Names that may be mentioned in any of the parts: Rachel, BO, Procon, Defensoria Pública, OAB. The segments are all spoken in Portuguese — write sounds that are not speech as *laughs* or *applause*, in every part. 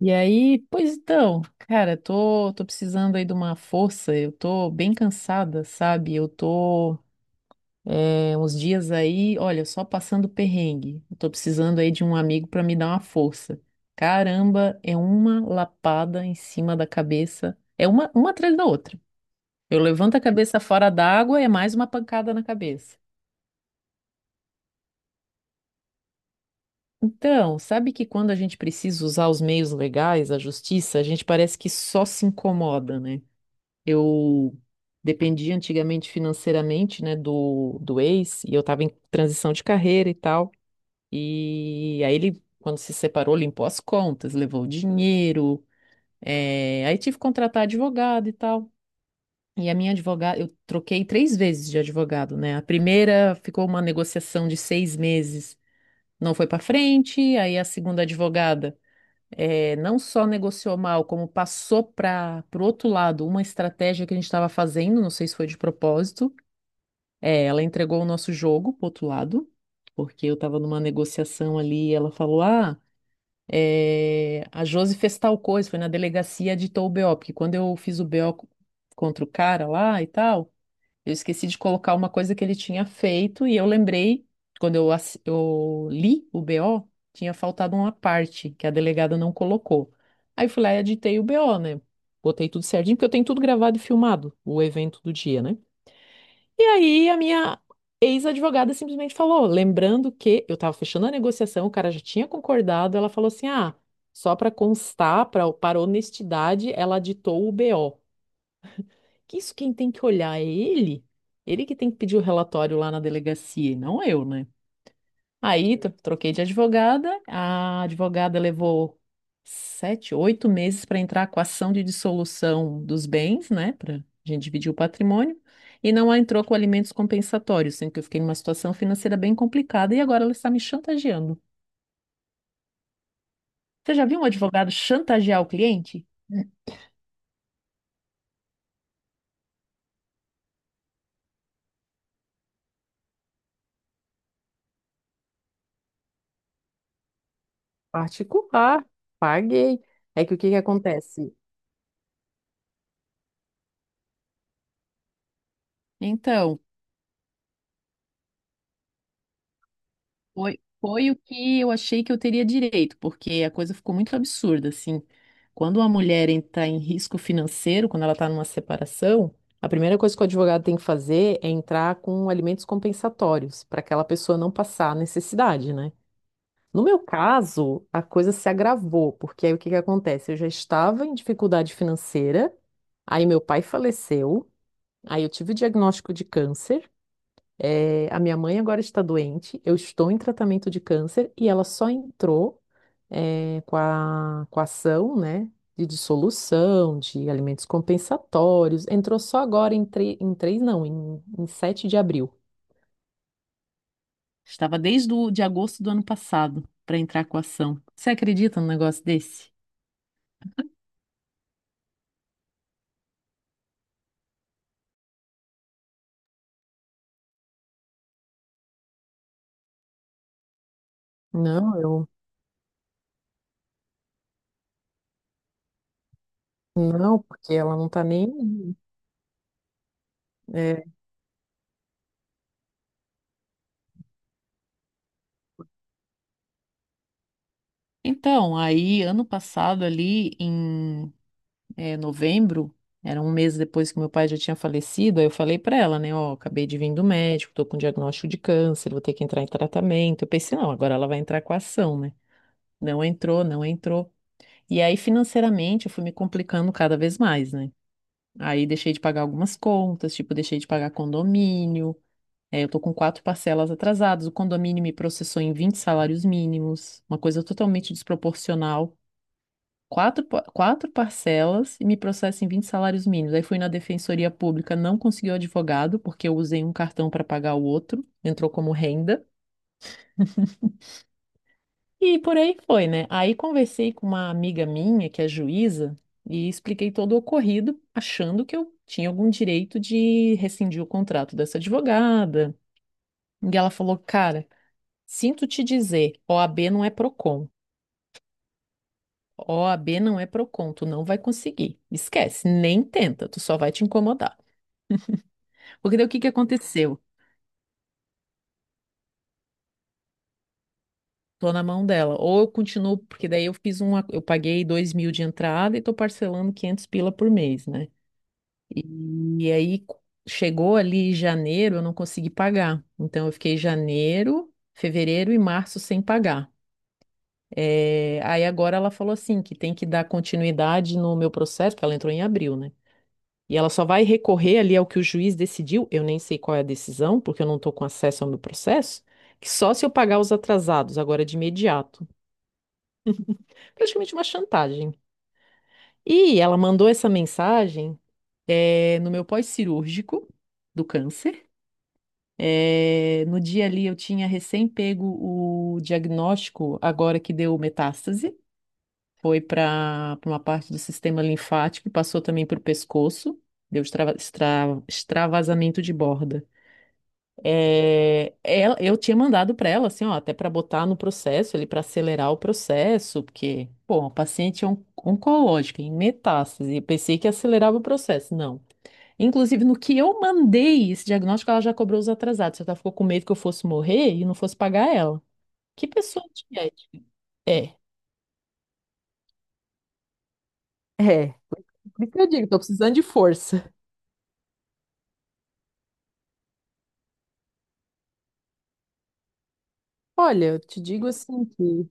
E aí, pois então, cara, tô precisando aí de uma força, eu tô bem cansada, sabe? Eu tô uns dias aí, olha, só passando perrengue. Eu tô precisando aí de um amigo pra me dar uma força. Caramba, é uma lapada em cima da cabeça, é uma atrás da outra. Eu levanto a cabeça fora d'água, é mais uma pancada na cabeça. Então, sabe que quando a gente precisa usar os meios legais, a justiça, a gente parece que só se incomoda, né? Eu dependia antigamente financeiramente, né, do ex, e eu estava em transição de carreira e tal. E aí ele, quando se separou, limpou as contas, levou o dinheiro. Aí tive que contratar advogado e tal. E a minha advogada, eu troquei 3 vezes de advogado, né? A primeira ficou uma negociação de 6 meses, não foi para frente. Aí a segunda advogada não só negociou mal, como passou para o outro lado uma estratégia que a gente estava fazendo, não sei se foi de propósito. É, ela entregou o nosso jogo pro outro lado, porque eu estava numa negociação ali e ela falou: "Ah, a Josi fez tal coisa, foi na delegacia, editou o BO", porque quando eu fiz o BO contra o cara lá e tal. Eu esqueci de colocar uma coisa que ele tinha feito e eu lembrei, quando eu li o BO, tinha faltado uma parte que a delegada não colocou. Aí eu fui lá e editei o BO, né? Botei tudo certinho, porque eu tenho tudo gravado e filmado, o evento do dia, né? E aí a minha ex-advogada simplesmente falou, lembrando que eu estava fechando a negociação, o cara já tinha concordado, ela falou assim: "Ah, só para constar, pra, para honestidade, ela ditou o BO", que isso quem tem que olhar é ele, ele que tem que pedir o relatório lá na delegacia, e não eu, né? Aí troquei de advogada. A advogada levou 7, 8 meses para entrar com a ação de dissolução dos bens, né? Para a gente dividir o patrimônio, e não entrou com alimentos compensatórios, sendo que eu fiquei numa situação financeira bem complicada e agora ela está me chantageando. Você já viu um advogado chantagear o cliente? Particular, paguei. É que o que que acontece? Então. Foi, foi o que eu achei que eu teria direito, porque a coisa ficou muito absurda, assim. Quando uma mulher está em risco financeiro, quando ela está numa separação, a primeira coisa que o advogado tem que fazer é entrar com alimentos compensatórios, para aquela pessoa não passar a necessidade, né? No meu caso, a coisa se agravou, porque aí o que que acontece? Eu já estava em dificuldade financeira, aí meu pai faleceu, aí eu tive o diagnóstico de câncer. É, a minha mãe agora está doente, eu estou em tratamento de câncer e ela só entrou, é, com a ação, né, de dissolução, de alimentos compensatórios. Entrou só agora em três, não, em 7 de abril. Estava desde o, de agosto do ano passado para entrar com a ação. Você acredita num negócio desse? Não, eu não, porque ela não está nem. É. Então, aí ano passado ali em novembro, era um mês depois que meu pai já tinha falecido, aí eu falei pra ela, né, ó, acabei de vir do médico, tô com diagnóstico de câncer, vou ter que entrar em tratamento. Eu pensei, não, agora ela vai entrar com a ação, né? Não entrou, não entrou. E aí, financeiramente, eu fui me complicando cada vez mais, né? Aí deixei de pagar algumas contas, tipo, deixei de pagar condomínio. É, eu tô com quatro parcelas atrasadas. O condomínio me processou em 20 salários mínimos, uma coisa totalmente desproporcional, quatro, quatro parcelas, e me processa em 20 salários mínimos. Aí fui na Defensoria Pública, não consegui o advogado, porque eu usei um cartão para pagar o outro, entrou como renda. E por aí foi, né? Aí conversei com uma amiga minha, que é juíza, e expliquei todo o ocorrido, achando que eu tinha algum direito de rescindir o contrato dessa advogada. E ela falou: "Cara, sinto te dizer, OAB não é Procon. OAB não é Procon, tu não vai conseguir. Esquece, nem tenta, tu só vai te incomodar." Porque daí o que que aconteceu? Tô na mão dela. Ou eu continuo, porque daí eu fiz uma, eu paguei 2 mil de entrada e tô parcelando 500 pila por mês, né? E, e aí chegou ali janeiro, eu não consegui pagar. Então eu fiquei janeiro, fevereiro e março sem pagar. É, aí agora ela falou assim que tem que dar continuidade no meu processo, porque ela entrou em abril, né? E ela só vai recorrer ali ao que o juiz decidiu, eu nem sei qual é a decisão, porque eu não estou com acesso ao meu processo, que só se eu pagar os atrasados, agora de imediato. Praticamente uma chantagem. E ela mandou essa mensagem no meu pós-cirúrgico do câncer. No dia ali eu tinha recém pego o diagnóstico, agora que deu metástase, foi para uma parte do sistema linfático, e passou também para o pescoço, deu extravasamento de borda. É, eu tinha mandado para ela, assim, ó, até para botar no processo, ali para acelerar o processo, porque, pô, a paciente é oncológica, em metástase, eu pensei que acelerava o processo, não. Inclusive, no que eu mandei esse diagnóstico, ela já cobrou os atrasados, ela ficou com medo que eu fosse morrer e não fosse pagar ela. Que pessoa antiética. É, é. Por isso que eu digo, tô precisando de força. Olha, eu te digo assim que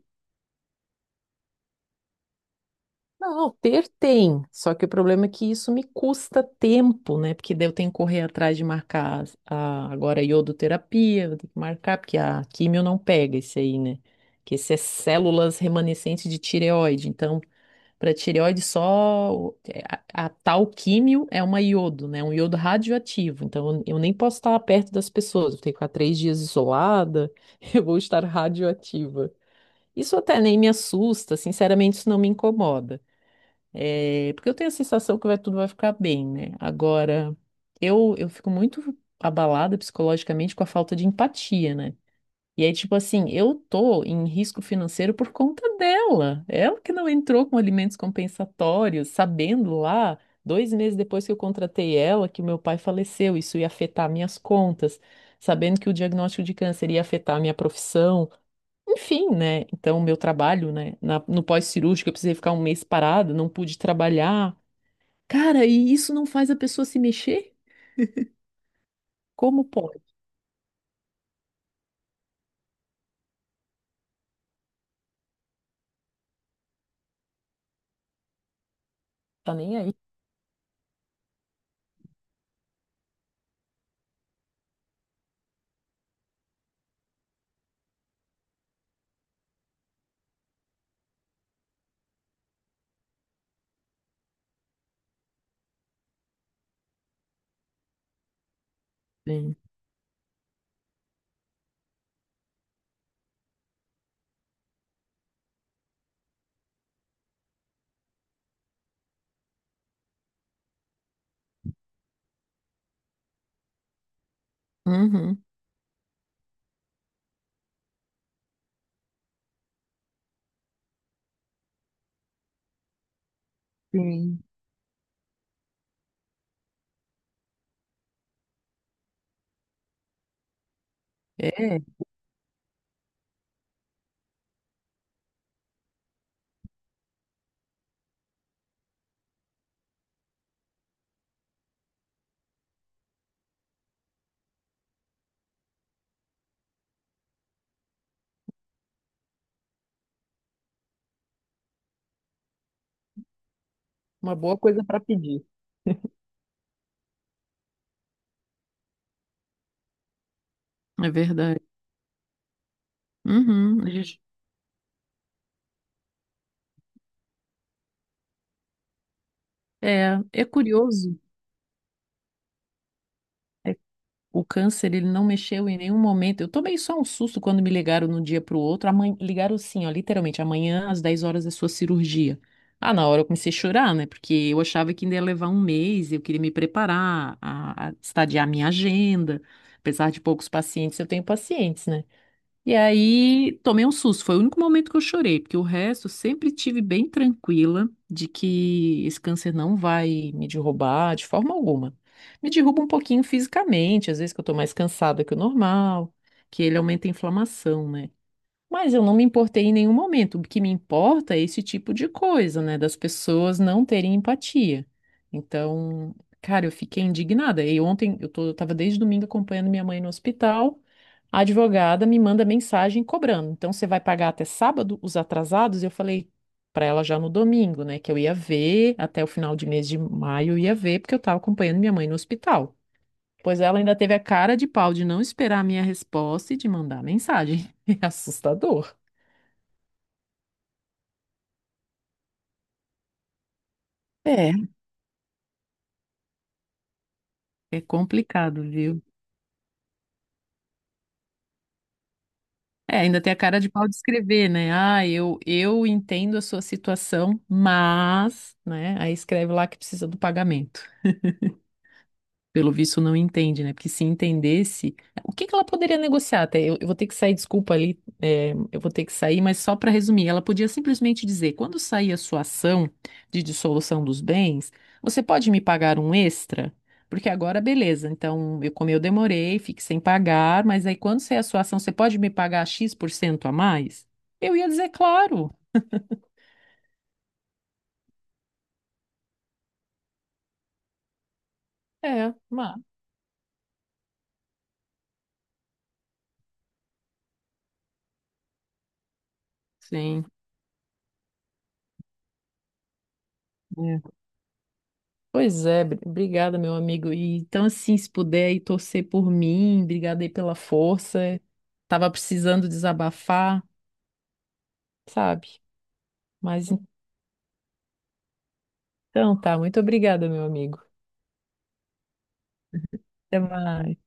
não, ter tem, só que o problema é que isso me custa tempo, né? Porque daí eu tenho que correr atrás de marcar agora a iodoterapia, vou ter que marcar, porque a químio não pega esse aí, né? Que esse é células remanescentes de tireoide. Então, para tireoide só a tal químio é uma iodo, né? Um iodo radioativo. Então, eu nem posso estar perto das pessoas, eu tenho que ficar 3 dias isolada, *laughs* eu vou estar radioativa. Isso até nem me assusta, sinceramente, isso não me incomoda. É, porque eu tenho a sensação que vai, tudo vai ficar bem, né? Agora, eu fico muito abalada psicologicamente com a falta de empatia, né? E aí, tipo assim, eu tô em risco financeiro por conta dela. Ela que não entrou com alimentos compensatórios, sabendo lá, 2 meses depois que eu contratei ela, que o meu pai faleceu, isso ia afetar minhas contas, sabendo que o diagnóstico de câncer ia afetar a minha profissão. Enfim, né? Então, meu trabalho, né, no pós-cirúrgico, eu precisei ficar um mês parado, não pude trabalhar. Cara, e isso não faz a pessoa se mexer? Como pode? Tá nem aí. Sim. Uhum. Sim. É uma boa coisa para pedir. É verdade. Uhum. A gente... É, é curioso. O câncer, ele não mexeu em nenhum momento. Eu tomei só um susto quando me ligaram de um dia para o outro. Amanhã, ligaram assim, ó, literalmente, amanhã às 10 horas é sua cirurgia. Ah, na hora eu comecei a chorar, né? Porque eu achava que ainda ia levar um mês, eu queria me preparar, a estadiar minha agenda. Apesar de poucos pacientes, eu tenho pacientes, né? E aí tomei um susto, foi o único momento que eu chorei, porque o resto eu sempre tive bem tranquila de que esse câncer não vai me derrubar de forma alguma. Me derruba um pouquinho fisicamente, às vezes que eu tô mais cansada que o normal, que ele aumenta a inflamação, né? Mas eu não me importei em nenhum momento. O que me importa é esse tipo de coisa, né? Das pessoas não terem empatia. Então, cara, eu fiquei indignada. E ontem eu tô, eu tava desde domingo acompanhando minha mãe no hospital. A advogada me manda mensagem cobrando: "Então, você vai pagar até sábado os atrasados?" E eu falei pra ela já no domingo, né, que eu ia ver, até o final de mês de maio eu ia ver, porque eu tava acompanhando minha mãe no hospital. Pois ela ainda teve a cara de pau de não esperar a minha resposta e de mandar mensagem. *laughs* É assustador. É, é complicado, viu? É, ainda tem a cara de pau de escrever, né? "Ah, eu entendo a sua situação, mas", né? Aí escreve lá que precisa do pagamento. Pelo visto, não entende, né? Porque se entendesse, o que que ela poderia negociar? Até eu vou ter que sair, desculpa ali, é, eu vou ter que sair, mas só para resumir, ela podia simplesmente dizer: quando sair a sua ação de dissolução dos bens, você pode me pagar um extra? Porque agora, beleza, então eu, como eu demorei, fique sem pagar, mas aí quando sair a sua ação, você pode me pagar X% por cento a mais? Eu ia dizer, claro. É, mas. Sim. É. Pois é, obrigada, meu amigo. E, então, assim, se puder aí torcer por mim, obrigada aí pela força. Tava precisando desabafar, sabe? Mas então tá, muito obrigada, meu amigo. Até mais.